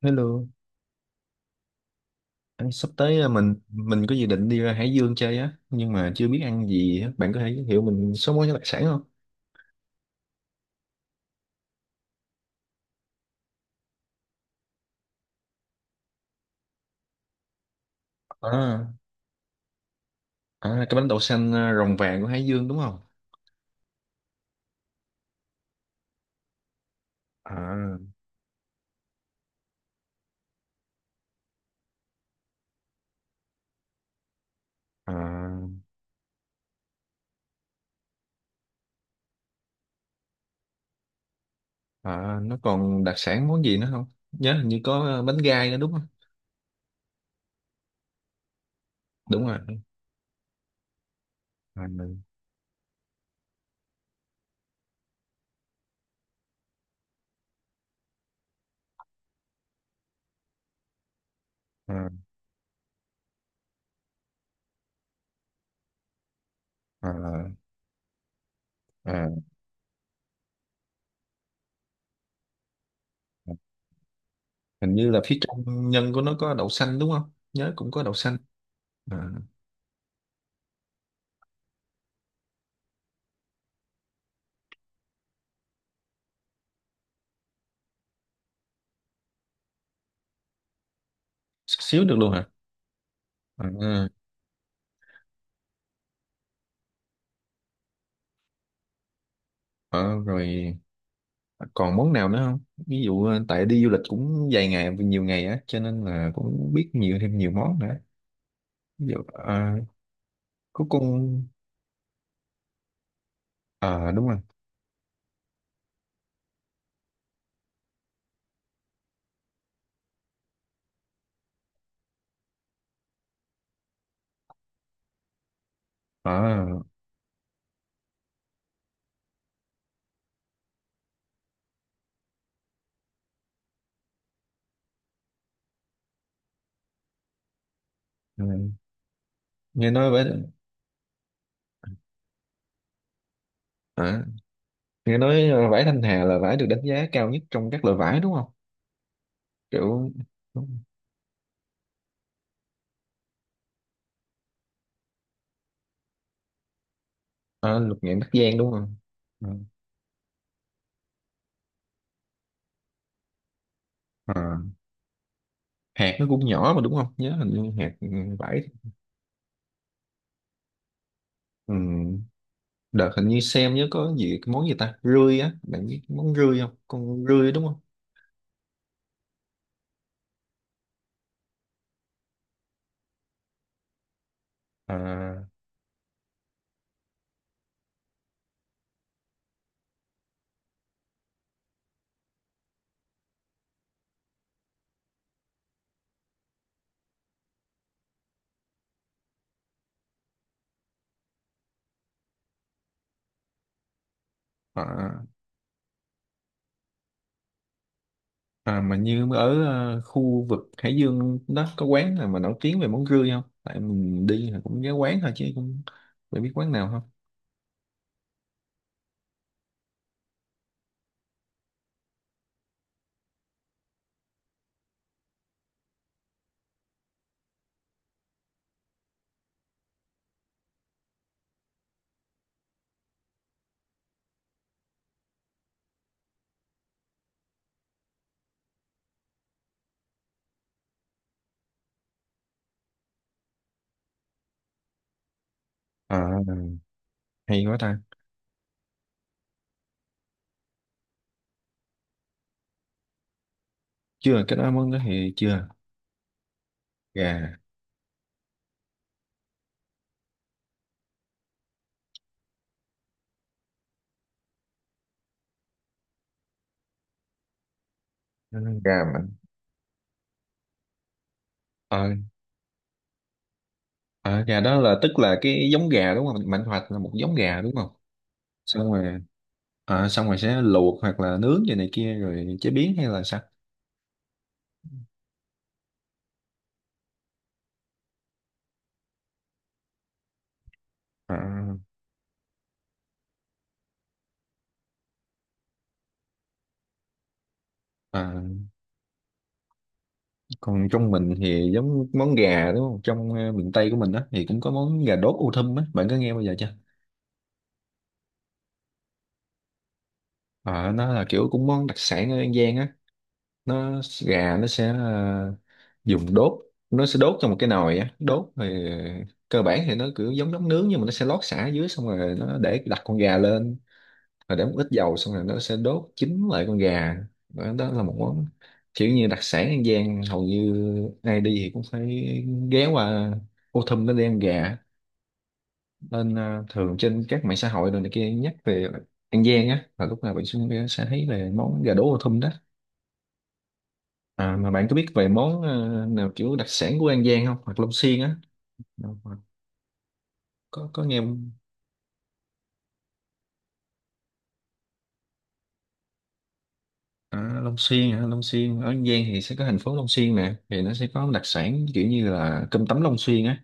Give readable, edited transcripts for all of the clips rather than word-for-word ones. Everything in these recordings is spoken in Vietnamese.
Hello, anh sắp tới à, mình có dự định đi ra Hải Dương chơi á, nhưng mà chưa biết ăn gì á. Bạn có thể giới thiệu mình số món đặc sản không? À, à, cái bánh đậu xanh à, rồng vàng của Hải Dương đúng không? À, à, à, nó còn đặc sản món gì nữa không? Nhớ hình như có à, bánh gai nữa đúng không? Đúng rồi. À, à, à, à. Hình như là phía trong nhân của nó có đậu xanh đúng không? Nhớ cũng có đậu xanh. À, xíu được luôn hả? À, à, rồi còn món nào nữa không, ví dụ tại đi du lịch cũng vài ngày nhiều ngày á, cho nên là cũng biết nhiều, thêm nhiều món nữa. Ví dụ có con ờ đúng rồi. Ờ, ừ. Nghe nói vải ờ, nghe nói vải Thanh Hà là vải được đánh giá cao nhất trong các loại vải đúng không, kiểu đúng. Ờ, lục ngạn Bắc Giang đúng không? Ờ, ờ, hạt nó cũng nhỏ mà đúng không, nhớ hình như hạt vải ừ. Đợt hình như xem nhớ có gì, cái món gì ta, rươi á, bạn biết món rươi không, con rươi đúng không? Ờ, à, mà như ở khu vực Hải Dương đó có quán nào mà nổi tiếng về món rươi không, tại mình đi là cũng nhớ quán thôi chứ cũng phải biết quán nào không. À, hay quá ta. Chưa, cái đó món đó thì chưa. Gà, gà mạnh. Ờ, ờ, gà đó là tức là cái giống gà đúng không, mạnh hoạch là một giống gà đúng không? Xong rồi, xong rồi sẽ luộc hoặc là nướng gì này kia rồi chế biến hay là sao? à, à, còn trong mình thì giống món gà đúng không, trong miền Tây của mình đó thì cũng có món gà đốt ô thum á, bạn có nghe bao giờ chưa? Ờ, nó là kiểu cũng món đặc sản ở An Giang á. Nó, gà nó sẽ dùng đốt, nó sẽ đốt trong một cái nồi á, đốt thì cơ bản thì nó kiểu giống giống nướng, nhưng mà nó sẽ lót sả ở dưới xong rồi nó để đặt con gà lên, rồi để một ít dầu xong rồi nó sẽ đốt chín lại con gà. Đó, đó là một món kiểu như đặc sản An Giang, hầu như ai đi thì cũng phải ghé qua Ô Thum nó đi ăn gà. Nên ờ, thường trên các mạng xã hội rồi này kia nhắc về An Giang á là lúc nào bạn cũng sẽ thấy về món gà đỗ Ô Thum đó. À, mà bạn có biết về món ờ, nào kiểu đặc sản của An Giang không, hoặc Long Xuyên á? Nào, hoặc có nghe không? À, Long Xuyên hả, Long Xuyên ở An Giang thì sẽ có thành phố Long Xuyên nè, thì nó sẽ có đặc sản kiểu như là cơm tấm Long Xuyên á,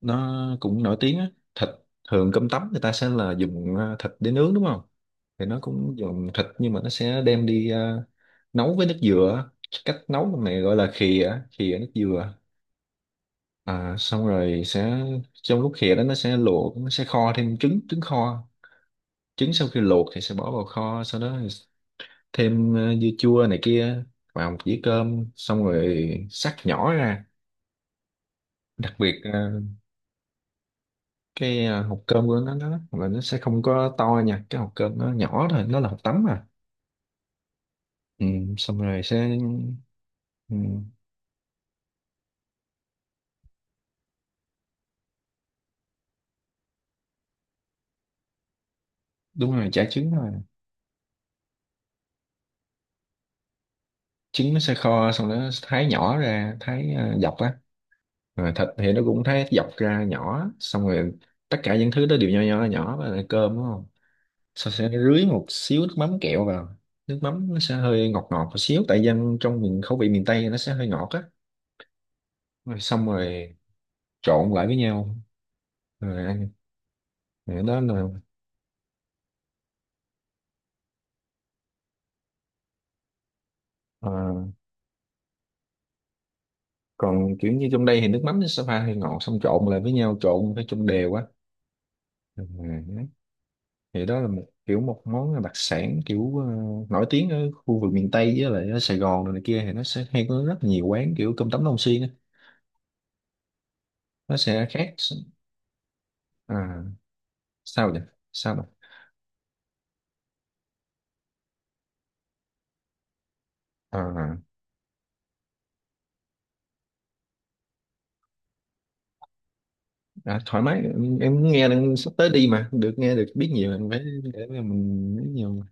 nó cũng nổi tiếng á. Thịt, thường cơm tấm người ta sẽ là dùng thịt để nướng đúng không, thì nó cũng dùng thịt nhưng mà nó sẽ đem đi nấu với nước dừa á. Cách nấu lần này gọi là khìa á, khìa nước dừa. À, xong rồi sẽ, trong lúc khìa đó nó sẽ luộc, nó sẽ kho thêm trứng, trứng kho. Trứng sau khi luộc thì sẽ bỏ vào kho, sau đó thêm dưa chua này kia vào một dĩa cơm xong rồi xắt nhỏ ra. Đặc biệt ờ, cái à, hộp cơm của nó là nó sẽ không có to nha, cái hộp cơm nó nhỏ thôi, nó là hộp tấm mà. Ừ, xong rồi sẽ. Ừ, đúng rồi, chả trứng thôi. Trứng nó sẽ kho xong nó thái nhỏ ra, thái à, dọc á, rồi thịt thì nó cũng thái dọc ra nhỏ xong rồi tất cả những thứ đó đều nho nhỏ nhỏ và là cơm đúng không, sau sẽ rưới một xíu nước mắm kẹo vào. Nước mắm nó sẽ hơi ngọt ngọt một xíu, tại dân trong miền, khẩu vị miền Tây nó sẽ hơi ngọt á. Rồi xong rồi trộn lại với nhau rồi ăn. Rồi đó là, ờ, còn kiểu như trong đây thì nước mắm nó sẽ pha hơi ngọt xong trộn lại với nhau, trộn phải trong đều quá. Ừ, thì đó là một kiểu, một món đặc sản kiểu nổi tiếng ở khu vực miền Tây, với lại ở Sài Gòn rồi này kia thì nó sẽ hay có rất nhiều quán kiểu cơm tấm Long Xuyên á, nó sẽ khác. À, sao vậy, sao vậy? à, thoải mái, em nghe đang sắp tới đi mà, được nghe được biết nhiều em phải, để mà mình biết nhiều mà.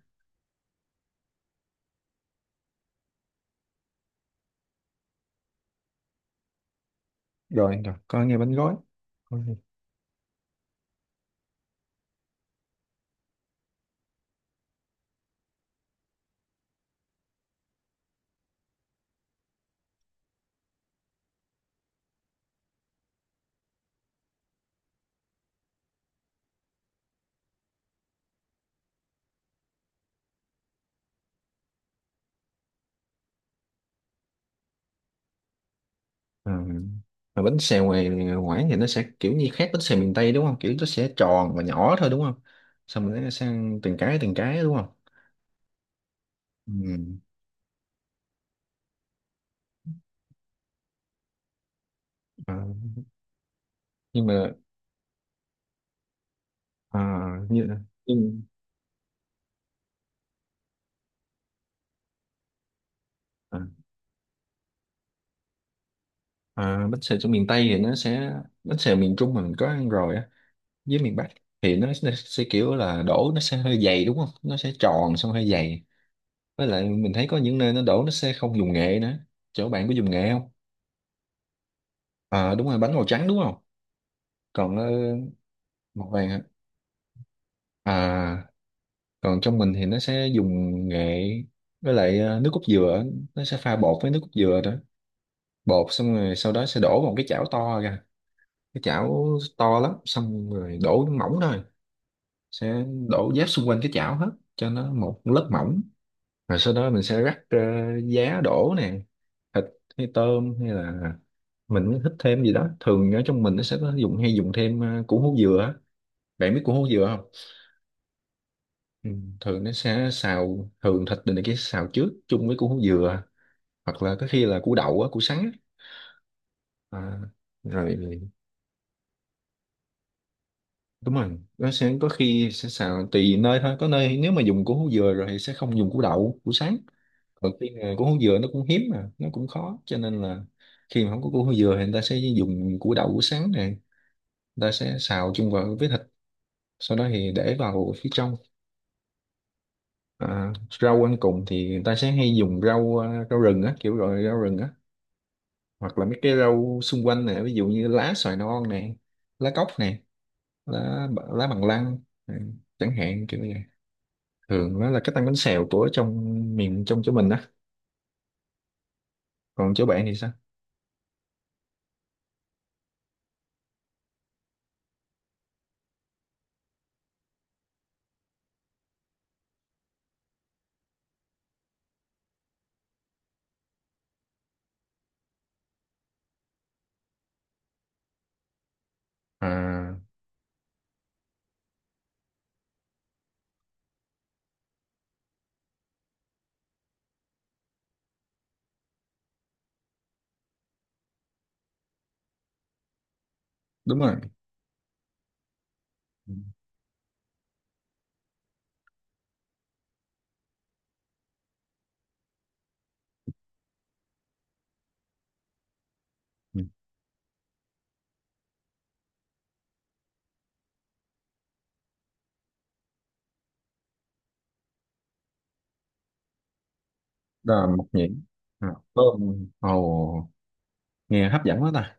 Rồi rồi, coi nghe bánh gói. Ừ. Mà bánh xèo ngoài ngoải thì nó sẽ kiểu như khác bánh xèo miền Tây đúng không? Kiểu nó sẽ tròn và nhỏ thôi đúng không? Xong rồi nó sang từng cái đúng không? Ừ. Ờ, nhưng mà ờ, như nhưng, ờ, ờ, bánh xèo trong miền Tây thì nó sẽ, bánh xèo miền Trung mà mình có ăn rồi á, với miền Bắc, thì nó sẽ kiểu là đổ nó sẽ hơi dày đúng không? Nó sẽ tròn xong hơi dày. Với lại mình thấy có những nơi nó đổ nó sẽ không dùng nghệ nữa. Chỗ bạn có dùng nghệ không? Ờ đúng rồi, bánh màu trắng đúng không? Còn ờ, màu vàng hả? À, còn trong mình thì nó sẽ dùng nghệ với lại nước cốt dừa, nó sẽ pha bột với nước cốt dừa đó. Bột xong rồi sau đó sẽ đổ vào một cái chảo to ra, cái chảo to lắm xong rồi đổ mỏng thôi, sẽ đổ giáp xung quanh cái chảo hết cho nó một lớp mỏng, rồi sau đó mình sẽ rắc giá đổ nè, thịt hay tôm hay là mình thích thêm gì đó. Thường ở trong mình nó sẽ có dùng, hay dùng thêm củ hú dừa á. Bạn biết củ hú dừa không? Ừ, thường nó sẽ xào, thường thịt này kia xào trước chung với củ dừa, hoặc là có khi là củ đậu á, củ sắn á. À, rồi, đúng rồi, nó sẽ có khi sẽ xào, tùy nơi thôi, có nơi nếu mà dùng củ hú dừa rồi thì sẽ không dùng củ đậu củ sắn. Còn khi mà củ hú dừa nó cũng hiếm mà nó cũng khó cho nên là khi mà không có củ hú dừa thì người ta sẽ dùng củ đậu củ sắn này, người ta sẽ xào chung vào với thịt, sau đó thì để vào phía trong. À, rau ăn cùng thì người ta sẽ hay dùng rau à, rau rừng á, kiểu gọi rau rừng á, hoặc là mấy cái rau xung quanh nè, ví dụ như lá xoài non nè, lá cóc nè, lá lá bằng lăng nè, chẳng hạn kiểu như vậy. Thường đó là cách tăng bánh xèo của trong miền trong chỗ mình á, còn chỗ bạn thì sao? À, đúng rồi. Ừ. Ừ. Đó là mộc nhĩ. À, thơm ồ, nghe hấp dẫn quá ta.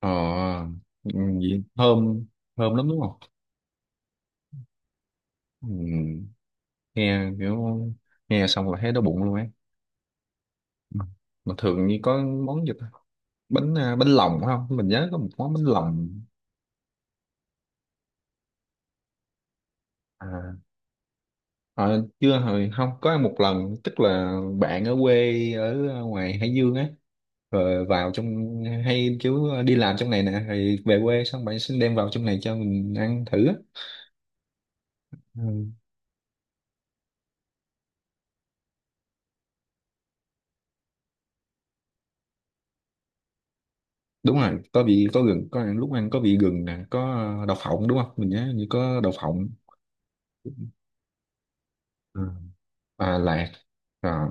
Ờ, ừ, gì thơm, thơm lắm đúng không. Ừ, nghe kiểu, nghe xong là thấy đói bụng luôn ấy. Ừ. Mà thường như có món gì bánh à, bánh lòng không, mình nhớ có một món bánh lòng. à, ờ, chưa hồi không có ăn một lần, tức là bạn ở quê ở à, ngoài Hải Dương á, rồi vào trong, hay chú đi làm trong này nè rồi về quê xong bạn xin đem vào trong này cho mình ăn thử á. Ừ, đúng rồi có vị, có gừng, có ăn lúc ăn có vị gừng nè, có đậu phộng đúng không, mình nhớ như có đậu phộng. Ừ. À, lạc. À,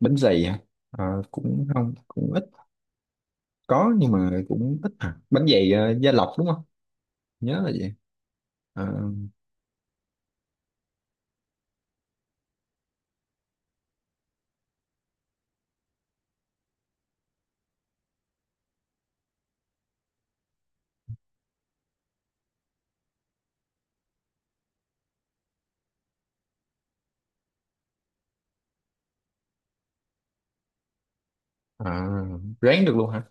bánh dày hả? À, cũng không, cũng ít, có nhưng mà cũng ít à. Bánh dày à, gia lộc đúng không, nhớ là gì. à, à, ráng được luôn hả?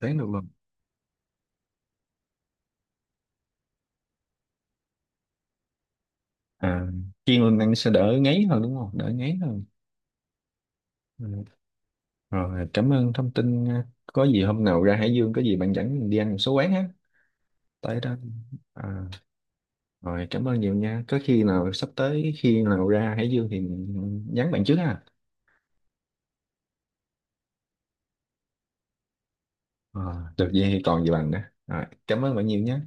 Ráng được luôn. À, chiên lên ăn sẽ đỡ ngấy hơn đúng không, đỡ ngấy hơn. Ừ. Rồi cảm ơn thông tin nha, có gì hôm nào ra Hải Dương có gì bạn dẫn mình đi ăn một số quán ha, tại đó. À, rồi cảm ơn nhiều nha, có khi nào sắp tới khi nào ra Hải Dương thì nhắn bạn trước ha. À, được vậy thì còn gì bằng đó, rồi cảm ơn bạn nhiều nha.